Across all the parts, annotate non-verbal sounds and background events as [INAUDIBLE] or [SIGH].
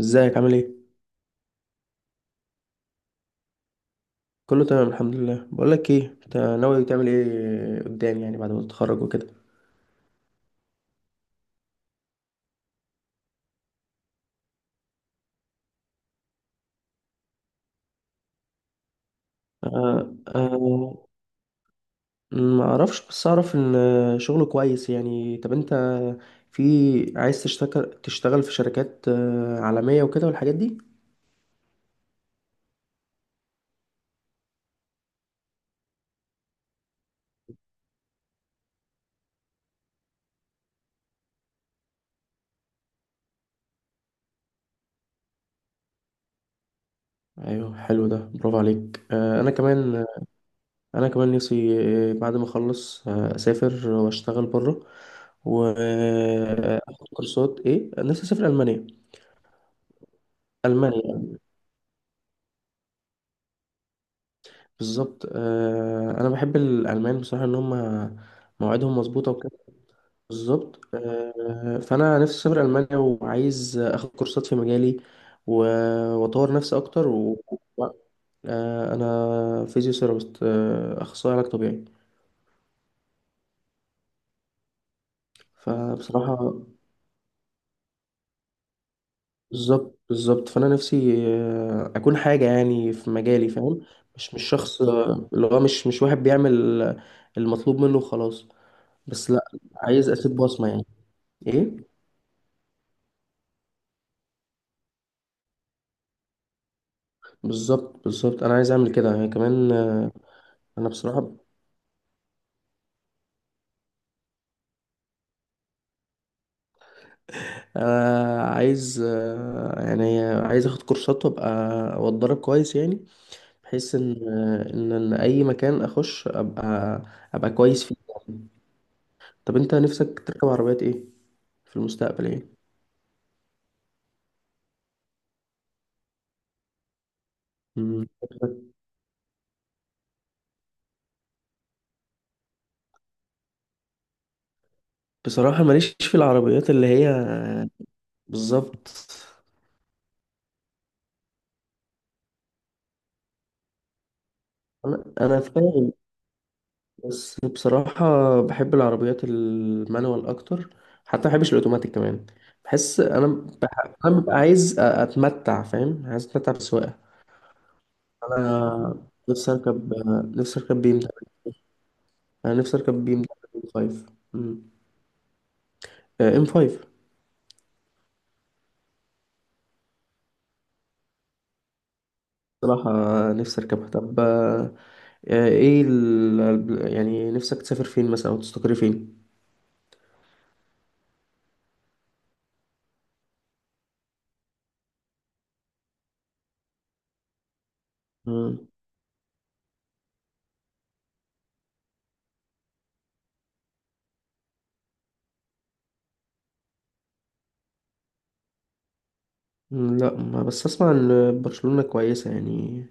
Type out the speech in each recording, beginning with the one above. ازيك عامل ايه؟ كله تمام الحمد لله. بقول لك ايه، انت ناوي تعمل ايه قدام يعني بعد ما تتخرج وكده؟ آه، آه. ما اعرفش، بس اعرف ان شغله كويس يعني. طب انت في عايز تشتغل في شركات عالمية وكده والحاجات دي؟ ايوه، حلو ده، برافو عليك. انا كمان. انا كمان نفسي بعد ما اخلص اسافر واشتغل بره. واخد كورسات. ايه، نفسي اسافر المانيا. المانيا. بالظبط. انا بحب الالمان بصراحه ان هم مواعيدهم مظبوطه وكده. بالظبط. فانا نفسي اسافر المانيا وعايز اخد كورسات في مجالي و- واطور نفسي اكتر. و- انا فيزيوثيرابيست، اخصائي علاج طبيعي. فبصراحه، بالظبط بالظبط، فانا نفسي اكون حاجه يعني في مجالي، فاهم؟ مش شخص اللي هو مش واحد بيعمل المطلوب منه وخلاص. بس، لا، عايز اسيب بصمه يعني. ايه. بالظبط بالظبط، انا عايز اعمل كده يعني كمان. انا بصراحه عايز، يعني عايز اخد كورسات وابقى واتدرب كويس يعني، بحيث ان ان اي مكان اخش ابقى، ابقى كويس فيه يعني. طب انت نفسك تركب عربيات ايه في المستقبل، ايه؟ مم. بصراحه ماليش في العربيات اللي هي، بالظبط. انا فاهم. بس بصراحة، بحب العربيات المانوال أكتر. حتى ما بحبش الأوتوماتيك كمان. بحس أنا. أنا ببقى عايز أتمتع، فاهم، عايز أتمتع بالسواقة. أنا. نفسي أركب نفسي أركب بي إم دبليو. أنا نفسي أركب بي إم دبليو 5 إم 5. بصراحة، نفسي أركبها. طب إيه يعني نفسك تسافر فين مثلا أو تستقر فين؟ مم. مم، لا، ما بس أسمع إن برشلونة كويسة يعني.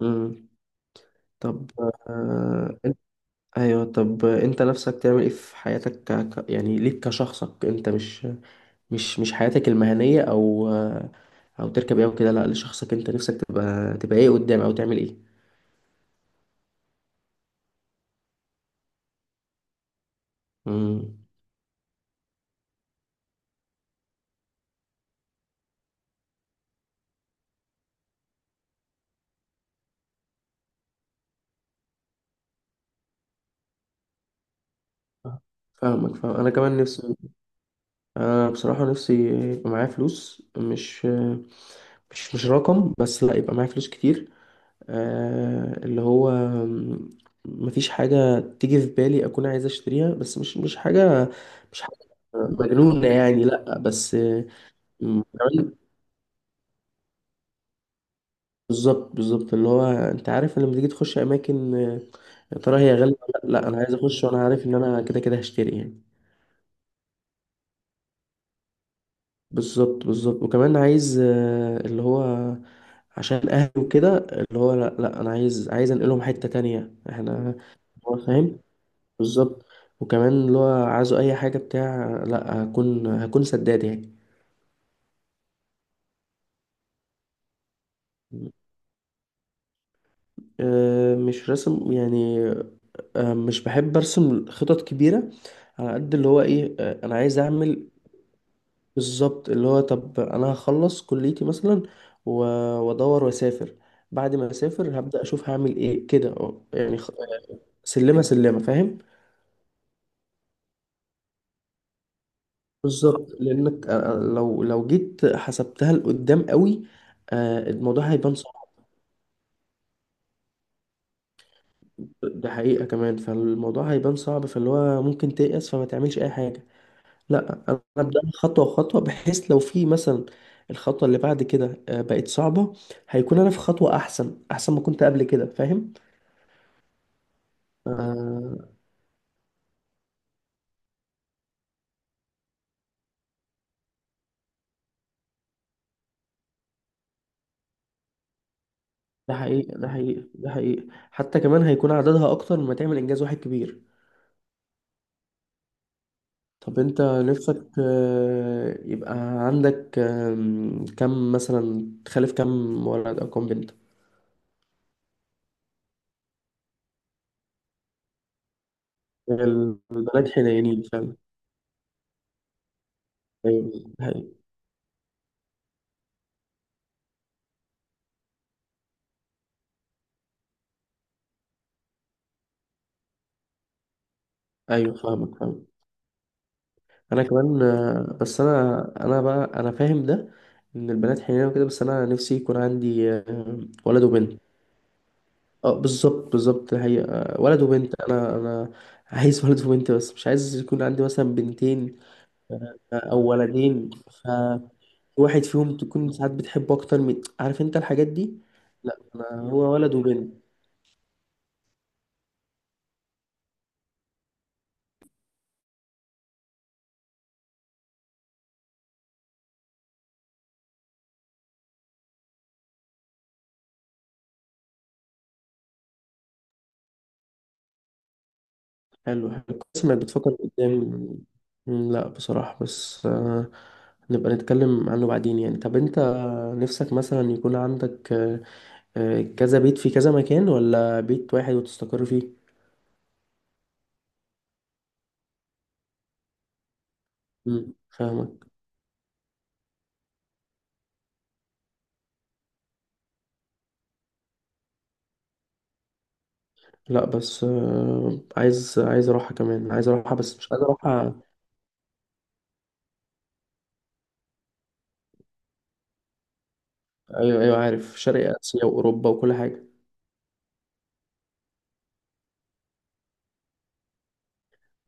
مم. طب، آه، ايوه. طب انت نفسك تعمل ايه في حياتك، يعني ليك كشخصك انت، مش، مش حياتك المهنية، او او تركب ايه او كده، لا لشخصك انت نفسك تبقى ايه قدام او تعمل ايه؟ امم. فاهمك، فاهم. انا كمان نفسي، انا بصراحة نفسي يبقى معايا فلوس، مش، مش رقم بس، لا، يبقى معايا فلوس كتير. اللي هو، م- مفيش حاجة تيجي في بالي أكون عايز أشتريها، بس مش حاجة، مش حاجة مجنونة يعني. لأ، بس كمان، بالظبط بالظبط، اللي هو أنت عارف، لما تيجي تخش أماكن، يا ترى هي غالية ولا لأ؟ لأ، أنا عايز أخش وأنا عارف إن أنا كده كده هشتري يعني. بالظبط بالظبط، وكمان عايز، اللي هو عشان أهلي وكده، اللي هو لأ لأ، أنا عايز أنقلهم حتة تانية، إحنا. هو فاهم. بالظبط. وكمان اللي هو عايزه اي حاجه بتاع، لا، هكون سداد يعني. أه، مش رسم يعني. أه، مش بحب ارسم خطط كبيره، على قد اللي هو ايه، انا عايز اعمل. بالظبط، اللي هو طب انا هخلص كليتي مثلا و- وادور واسافر. بعد ما اسافر هبدا اشوف هعمل ايه كده، يعني سلمه سلمه، فاهم. بالظبط، لانك لو جيت حسبتها لقدام قوي، أه الموضوع هيبان صعب. ده حقيقة كمان، فالموضوع هيبان صعب، فاللي هو ممكن تيأس فما تعملش أي حاجة. لا، أنا أبدأ خطوة خطوة، بحيث لو في مثلا الخطوة اللي بعد كده بقت صعبة، هيكون أنا في خطوة أحسن أحسن ما كنت قبل كده، فاهم؟ آه. ده حقيقة ده حقيقة ده حقيقة، حتى كمان هيكون عددها أكتر لما تعمل إنجاز واحد كبير. طب أنت نفسك يبقى عندك، كم مثلا؟ تخلف كم ولد أو كم بنت؟ البنات حنينين فعلا. أيوة. ده حقيقة. ايوه، فاهمك فاهمك. انا كمان بس انا بقى انا فاهم ده، ان البنات حنينه وكده. بس انا نفسي يكون عندي ولد وبنت. اه بالظبط بالظبط، هي ولد وبنت، انا عايز [LAUGHS] ولد وبنت، بس مش عايز يكون عندي مثلا بنتين او ولدين ف واحد فيهم تكون ساعات بتحبه اكتر من، عارف انت الحاجات دي. لا، انا هو ولد وبنت. حلو حلو، كويس انك بتفكر قدام. لا بصراحة، بس نبقى نتكلم عنه بعدين يعني. طب انت نفسك مثلا يكون عندك كذا بيت في كذا مكان، ولا بيت واحد وتستقر فيه؟ مم، فاهمك. لا، بس عايز اروحها كمان، عايز اروحها بس مش عايز اروحها. ايوه ايوه، عارف، شرق اسيا واوروبا وكل حاجه.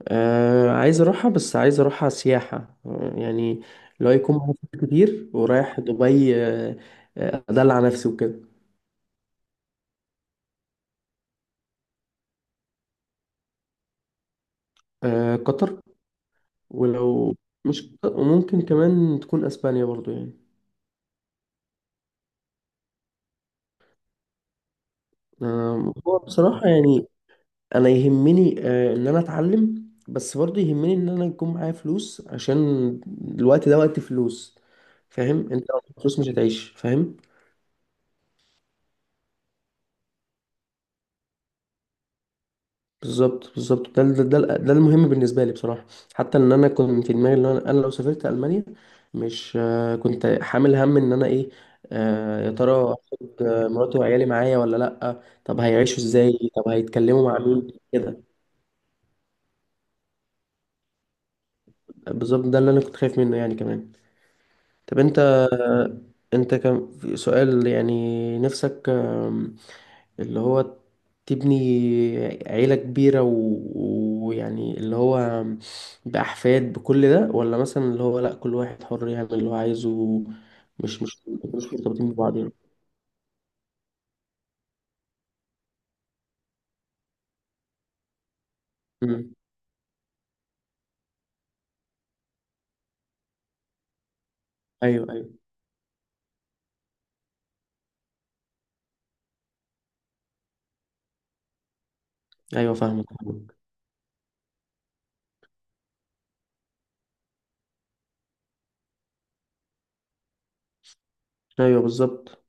عايز اروحها، بس عايز اروحها سياحه يعني، لو يكون معايا فلوس كتير ورايح دبي ادلع نفسي وكده. قطر. ولو مش قطر، وممكن كمان تكون اسبانيا برضو يعني. هو بصراحة يعني، انا يهمني ان انا اتعلم، بس برضه يهمني ان انا يكون معايا فلوس عشان الوقت ده وقت فلوس. فاهم؟ انت لو معاك فلوس مش هتعيش. فاهم؟ بالظبط بالظبط، ده المهم بالنسبه لي بصراحه. حتى ان انا كنت في دماغي ان انا لو سافرت المانيا، مش كنت حامل هم ان انا ايه، يا ترى هاخد مراتي وعيالي معايا ولا لا؟ طب هيعيشوا ازاي؟ طب هيتكلموا مع مين كده؟ بالظبط، ده اللي انا كنت خايف منه يعني كمان. طب انت، انت كان في سؤال يعني، نفسك اللي هو تبني عيلة كبيرة ويعني اللي هو بأحفاد بكل ده، ولا مثلا اللي هو لأ كل واحد حر يعمل اللي هو عايزه، مش مش مش مرتبطين ببعض يعني. مم. أيوه أيوه أيوه. فاهمك فاهمك. أيوه بالظبط.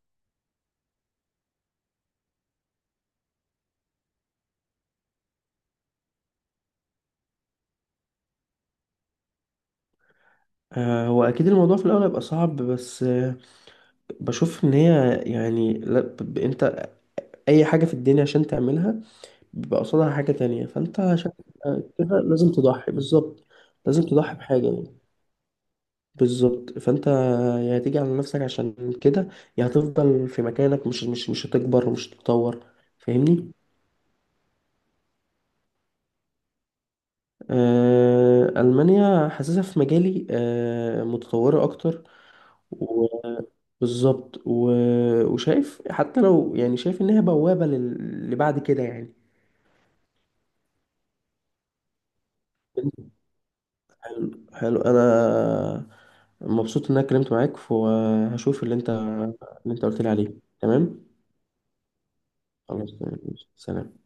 هو أكيد الموضوع في الأول هيبقى صعب، بس بشوف إن هي يعني لا، أنت أي حاجة في الدنيا عشان تعملها بيبقى قصادها حاجة تانية. فأنت عشان كده لازم تضحي، بالظبط، لازم تضحي بحاجة يعني. بالظبط، فأنت يا هتيجي على نفسك عشان كده، يا هتفضل في مكانك، مش هتكبر ومش هتتطور. فاهمني؟ آه، ألمانيا حاسسها في مجالي متطورة أكتر. و بالظبط، وشايف حتى لو يعني، شايف إن هي بوابة لبعد كده يعني. حلو، انا مبسوط ان انا اتكلمت معاك، وهشوف اللي انت قلت لي عليه. تمام. خلاص، تمام. سلام.